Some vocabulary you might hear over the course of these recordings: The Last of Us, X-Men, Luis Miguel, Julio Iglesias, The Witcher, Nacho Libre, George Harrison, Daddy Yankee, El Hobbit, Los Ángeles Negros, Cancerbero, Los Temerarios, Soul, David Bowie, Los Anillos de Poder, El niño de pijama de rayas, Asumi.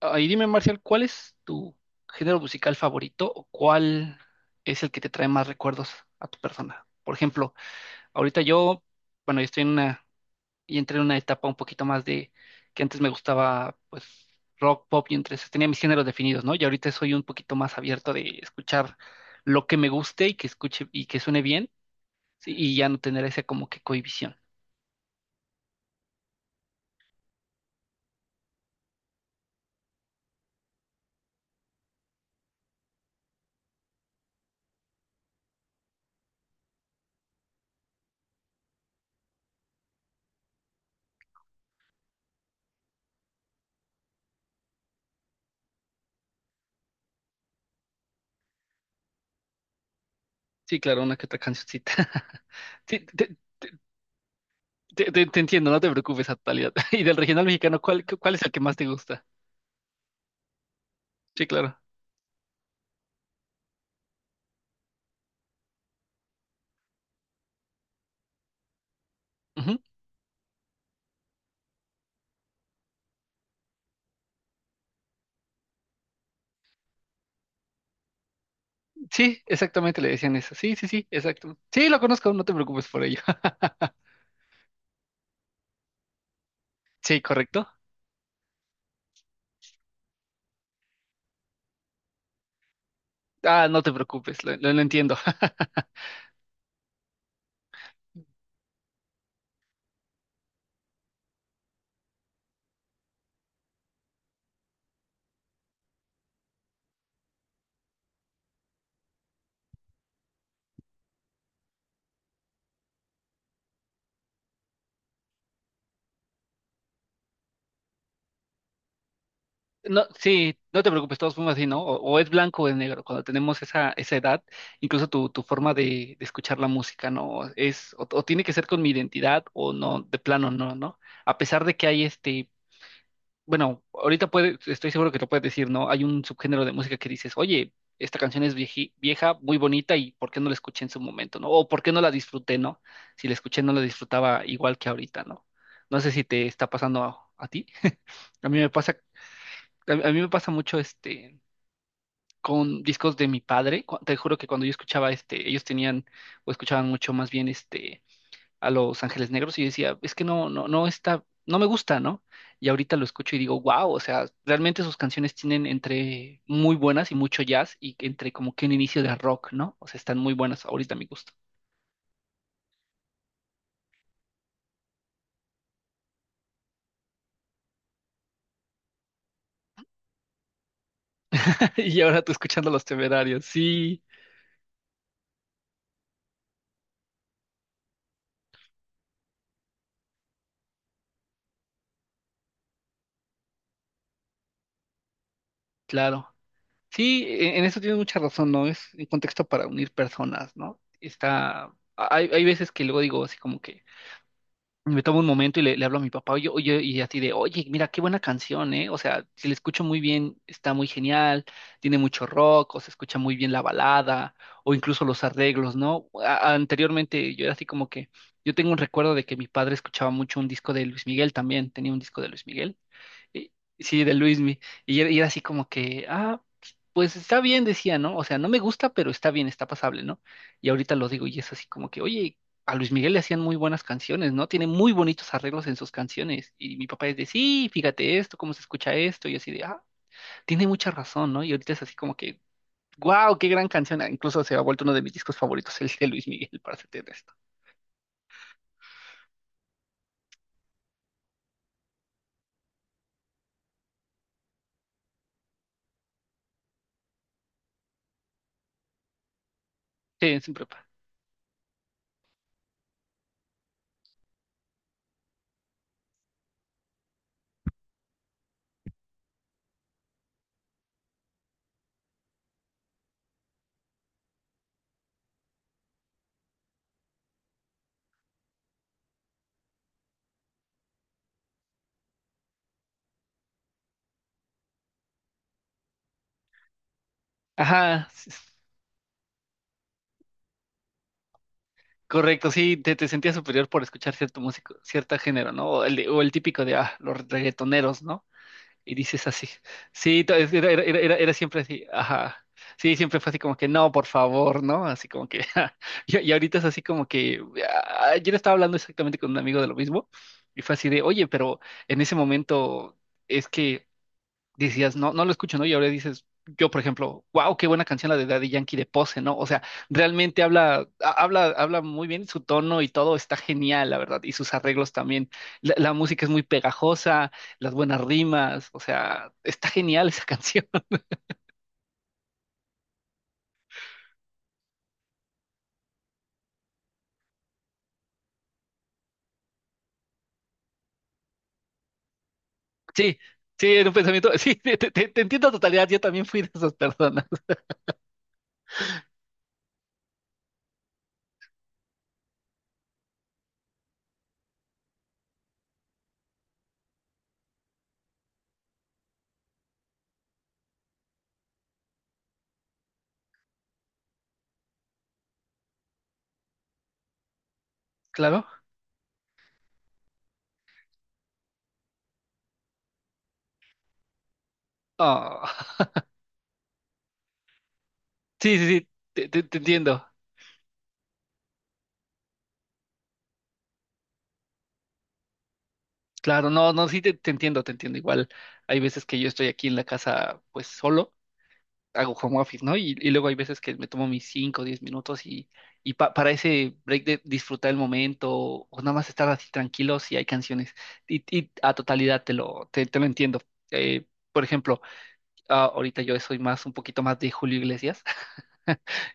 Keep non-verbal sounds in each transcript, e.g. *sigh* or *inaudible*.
Ahí dime, Marcial, ¿cuál es tu género musical favorito o cuál es el que te trae más recuerdos a tu persona? Por ejemplo, ahorita yo, bueno, yo estoy en una, y entré en una etapa un poquito más de que antes me gustaba, pues, rock, pop y entre esos tenía mis géneros definidos, ¿no? Y ahorita soy un poquito más abierto de escuchar lo que me guste y que escuche y que suene bien, sí, y ya no tener esa como que cohibición. Sí, claro, una que otra cancioncita. *laughs* Sí, te entiendo, no te preocupes, Atalia. *laughs* Y del regional mexicano, ¿cuál es el que más te gusta? Sí, claro. Ujú. Sí, exactamente le decían eso. Sí, sí, sí, exacto. Sí, lo conozco, no te preocupes por ello. *laughs* Sí, correcto. Ah, no te preocupes, lo entiendo. *laughs* No, sí, no te preocupes, todos somos así, ¿no? O es blanco o es negro. Cuando tenemos esa edad, incluso tu forma de escuchar la música, ¿no? Es, o tiene que ser con mi identidad o no, de plano no, ¿no? A pesar de que hay este. Bueno, ahorita puede, estoy seguro que lo puedes decir, ¿no? Hay un subgénero de música que dices, oye, esta canción es vieja, muy bonita, y ¿por qué no la escuché en su momento? ¿No? ¿O por qué no la disfruté? ¿No? Si la escuché, no la disfrutaba igual que ahorita, ¿no? No sé si te está pasando a ti. *laughs* A mí me pasa, a mí me pasa mucho con discos de mi padre. Te juro que cuando yo escuchaba ellos tenían, o escuchaban mucho más bien a Los Ángeles Negros y yo decía, es que no, no, no está, no me gusta, ¿no? Y ahorita lo escucho y digo, wow, o sea, realmente sus canciones tienen entre muy buenas y mucho jazz y entre como que un inicio de rock, ¿no? O sea, están muy buenas ahorita a mi gusto. *laughs* Y ahora tú escuchando Los Temerarios, sí, claro. Sí, en eso tienes mucha razón, ¿no? Es un contexto para unir personas, ¿no? Está, hay veces que luego digo así como que me tomo un momento y le hablo a mi papá, oye, oye, y así de, oye, mira, qué buena canción, ¿eh? O sea, si la escucho muy bien, está muy genial, tiene mucho rock, o se escucha muy bien la balada, o incluso los arreglos, ¿no? Anteriormente yo era así como que, yo tengo un recuerdo de que mi padre escuchaba mucho un disco de Luis Miguel también, tenía un disco de Luis Miguel. y- Sí, de Luismi. Y era así como que, ah, pues está bien, decía, ¿no? O sea, no me gusta, pero está bien, está pasable, ¿no? Y ahorita lo digo y es así como que, oye, a Luis Miguel le hacían muy buenas canciones, ¿no? Tiene muy bonitos arreglos en sus canciones. Y mi papá es de, sí, fíjate esto, cómo se escucha esto. Y yo así de, ah, tiene mucha razón, ¿no? Y ahorita es así como que, wow, qué gran canción. Ah, incluso se ha vuelto uno de mis discos favoritos, el de Luis Miguel, para serte esto. Sí, sin prepa. Ajá. Correcto, sí, te sentías superior por escuchar cierto músico, cierto género, ¿no? O el típico de, ah, los reggaetoneros, ¿no? Y dices así. Sí, era siempre así, ajá. Sí, siempre fue así como que, no, por favor, ¿no? Así como que, *laughs* ja. Y ahorita es así como que, ayer estaba hablando exactamente con un amigo de lo mismo, y fue así de, oye, pero en ese momento es que decías, no, no lo escucho, ¿no? Y ahora dices, yo, por ejemplo, wow, qué buena canción la de Daddy Yankee de Pose, ¿no? O sea, realmente habla muy bien, su tono y todo está genial, la verdad, y sus arreglos también. La música es muy pegajosa, las buenas rimas, o sea, está genial esa *laughs* canción. Sí, sí, era un pensamiento, *laughs* sí, te entiendo a totalidad, yo también fui de esas personas, *laughs* claro. Ah, sí, sí, sí, te entiendo. Claro, no, no, sí, te entiendo, te entiendo. Igual hay veces que yo estoy aquí en la casa, pues solo, hago home office, ¿no? Y luego hay veces que me tomo mis 5, o 10 minutos y para ese break de disfrutar el momento o nada más estar así tranquilos y hay canciones. Y a totalidad te lo entiendo. Eh, por ejemplo, ahorita yo soy más, un poquito más de Julio Iglesias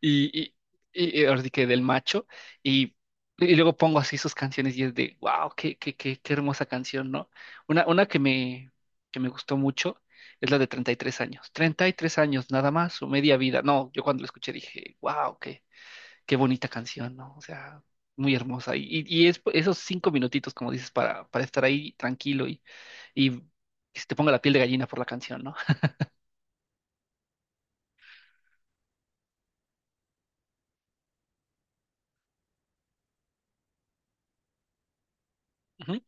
y, y, y ahora sí que del macho, y, y luego pongo así sus canciones y es de, wow, qué hermosa canción, ¿no? Una que me gustó mucho es la de 33 años. 33 años nada más, su media vida. No, yo cuando la escuché dije, wow, qué bonita canción, ¿no? O sea, muy hermosa. Y es esos 5 minutitos, como dices, para estar ahí tranquilo y que se te ponga la piel de gallina por la canción, ¿no? Ujú,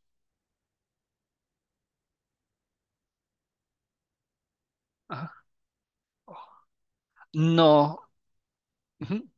ajá. Oh, no. Ujú,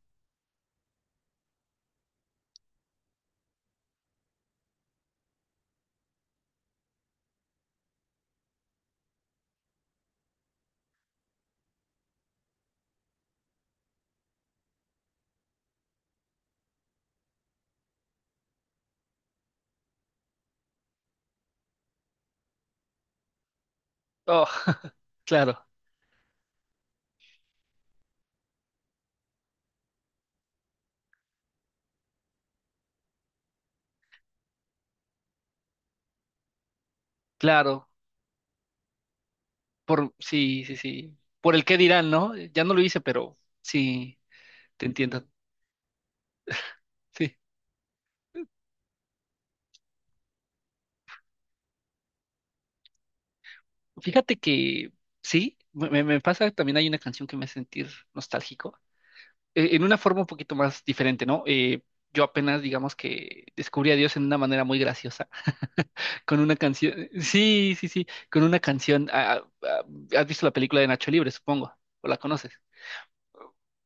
oh, *laughs* claro. Claro, por, sí, sí, sí. Por el qué dirán, ¿no? Ya no lo hice, pero sí, te entiendo. Sí. Fíjate que sí, me pasa, también hay una canción que me hace sentir nostálgico, en una forma un poquito más diferente, ¿no? Yo apenas, digamos que descubrí a Dios en una manera muy graciosa, *laughs* con una canción, sí, sí, sí, con una canción, ¿has visto la película de Nacho Libre, supongo? ¿O la conoces?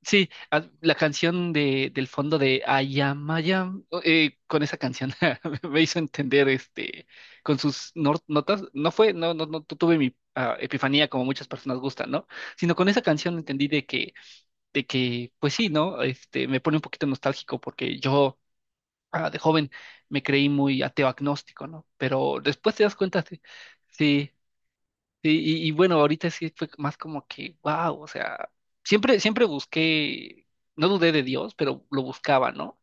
Sí, la canción de, del fondo de I am, con esa canción *laughs* me hizo entender, con sus notas, no fue, no, no, no tuve mi epifanía como muchas personas gustan, ¿no? Sino con esa canción entendí de que, pues sí, ¿no? Me pone un poquito nostálgico porque yo, de joven me creí muy ateo agnóstico, ¿no? Pero después te das cuenta, sí, sí, sí. Y bueno, ahorita sí fue más como que, wow, o sea, siempre busqué, no dudé de Dios, pero lo buscaba, ¿no?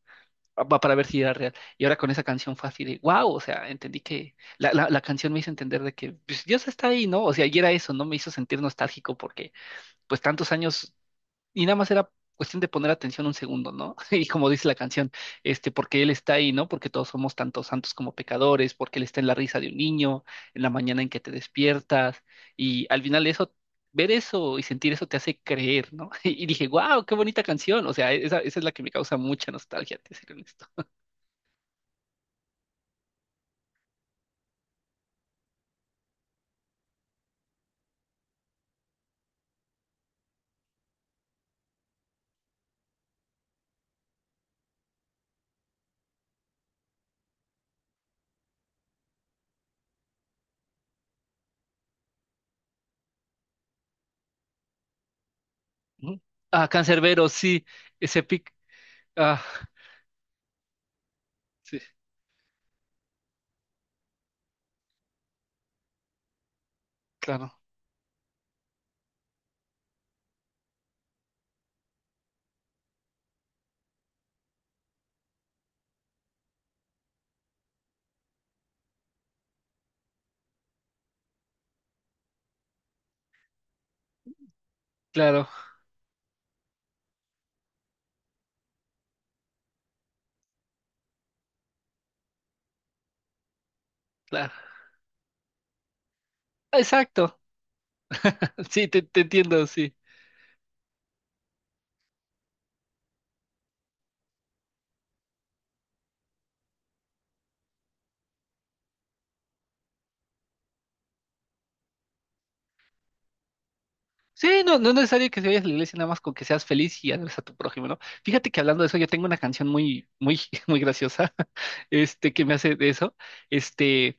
Para ver si era real. Y ahora con esa canción fue así de, wow, o sea, entendí que la canción me hizo entender de que, pues, Dios está ahí, ¿no? O sea, y era eso, ¿no? Me hizo sentir nostálgico porque pues tantos años y nada más era cuestión de poner atención un segundo, ¿no? *laughs* Y como dice la canción, porque Él está ahí, ¿no? Porque todos somos tanto santos como pecadores, porque Él está en la risa de un niño, en la mañana en que te despiertas, y al final eso, ver eso y sentir eso te hace creer, ¿no? *laughs* Y dije, wow, qué bonita canción, o sea, esa es la que me causa mucha nostalgia, te seré honesto. Ujú. Ah, Cancerbero, sí, ese pic, ah, sí, claro, claro, claro. Exacto, *laughs* sí, te entiendo, sí. Sí, no, no es necesario que vayas a la iglesia, nada más con que seas feliz y hables a tu prójimo, ¿no? Fíjate que hablando de eso, yo tengo una canción muy, muy, *laughs* muy graciosa, *laughs* que me hace de eso. Este,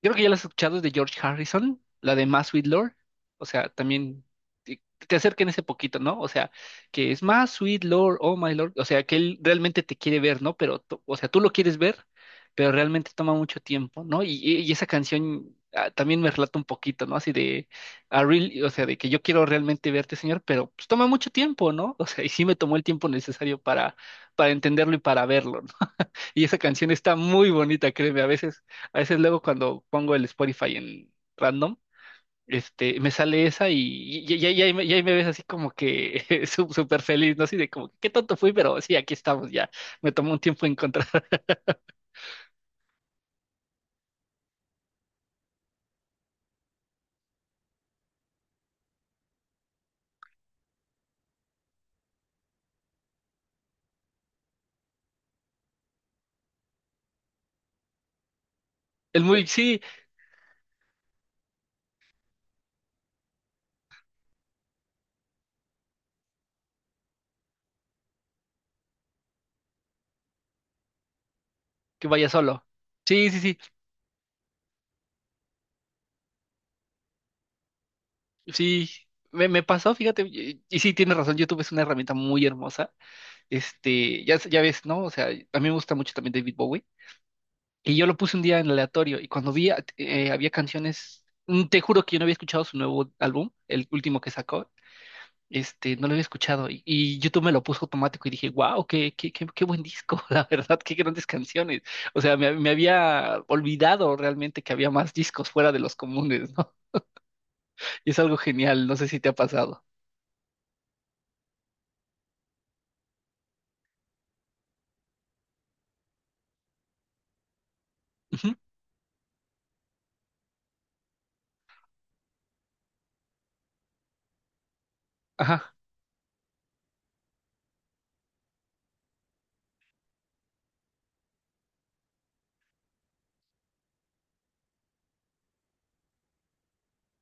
Creo que ya la has escuchado, es de George Harrison, la de Más Sweet Lord. O sea, también te, te acerquen ese poquito, ¿no? O sea, que es Más Sweet Lord, Oh My Lord. O sea, que él realmente te quiere ver, ¿no? Pero, o sea, tú lo quieres ver, pero realmente toma mucho tiempo, ¿no? Y esa canción, también me relata un poquito, ¿no? Así de, "I really-", o sea, de que yo quiero realmente verte, señor, pero pues toma mucho tiempo, ¿no? *laughs* O sea, y sí me tomó el tiempo necesario para entenderlo y para verlo, ¿no? Y esa canción está muy bonita, créeme. A veces luego cuando pongo el Spotify en random, me sale esa. Y ahí me ves así como que *laughs* súper feliz, ¿no? Así de como, qué tonto fui, pero sí, aquí estamos ya. Me tomó un tiempo encontrar. *laughs* El muy, sí, que vaya solo. Sí, sí, sí, sí. Me pasó, fíjate, y sí, tienes razón, YouTube es una herramienta muy hermosa. Ya, ya ves, ¿no? O sea, a mí me gusta mucho también David Bowie. Y yo lo puse un día en aleatorio y cuando vi, había canciones, te juro que yo no había escuchado su nuevo álbum, el último que sacó, no lo había escuchado y YouTube me lo puso automático y dije, wow, qué buen disco, *laughs* la verdad, qué grandes canciones. O sea, me había olvidado realmente que había más discos fuera de los comunes, ¿no? *laughs* Y es algo genial, no sé si te ha pasado. Ujú, ajá.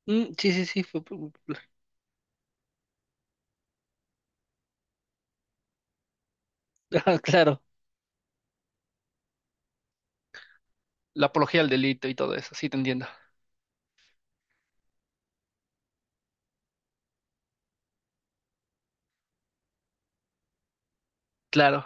Mm, sí, sí, sí, *laughs* Ah, claro, la apología al delito y todo eso, sí, te entiendo. Claro.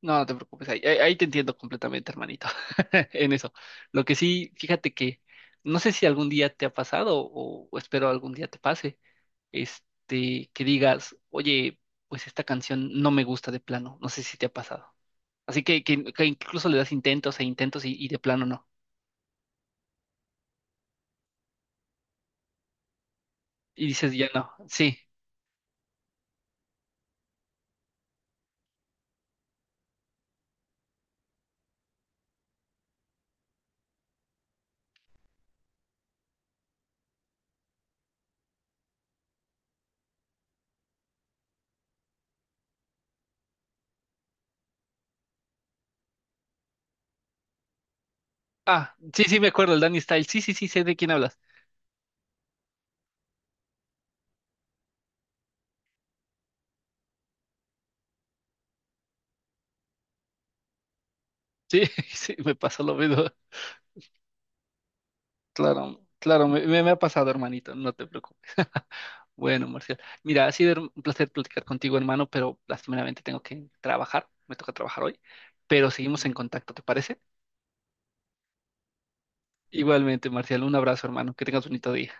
No, no te preocupes, ahí te entiendo completamente, hermanito, *laughs* en eso. Lo que sí, fíjate que no sé si algún día te ha pasado o espero algún día te pase, que digas, oye, pues esta canción no me gusta de plano, no sé si te ha pasado. Así que, que incluso le das intentos e intentos y de plano no. Y dices, ya no, sí. Ah, sí, sí, me acuerdo, el Danny Style, sí, sí, sí, sé de quién hablas. Sí, *laughs* sí, me pasó lo mismo. Claro, claro, me ha pasado, hermanito, no te preocupes. *laughs* Bueno, Marcial, mira, ha sido un placer platicar contigo, hermano, pero lastimeramente tengo que trabajar, me toca trabajar hoy, pero seguimos en contacto, ¿te parece? Igualmente, Marcial, un abrazo, hermano, que tengas un bonito día.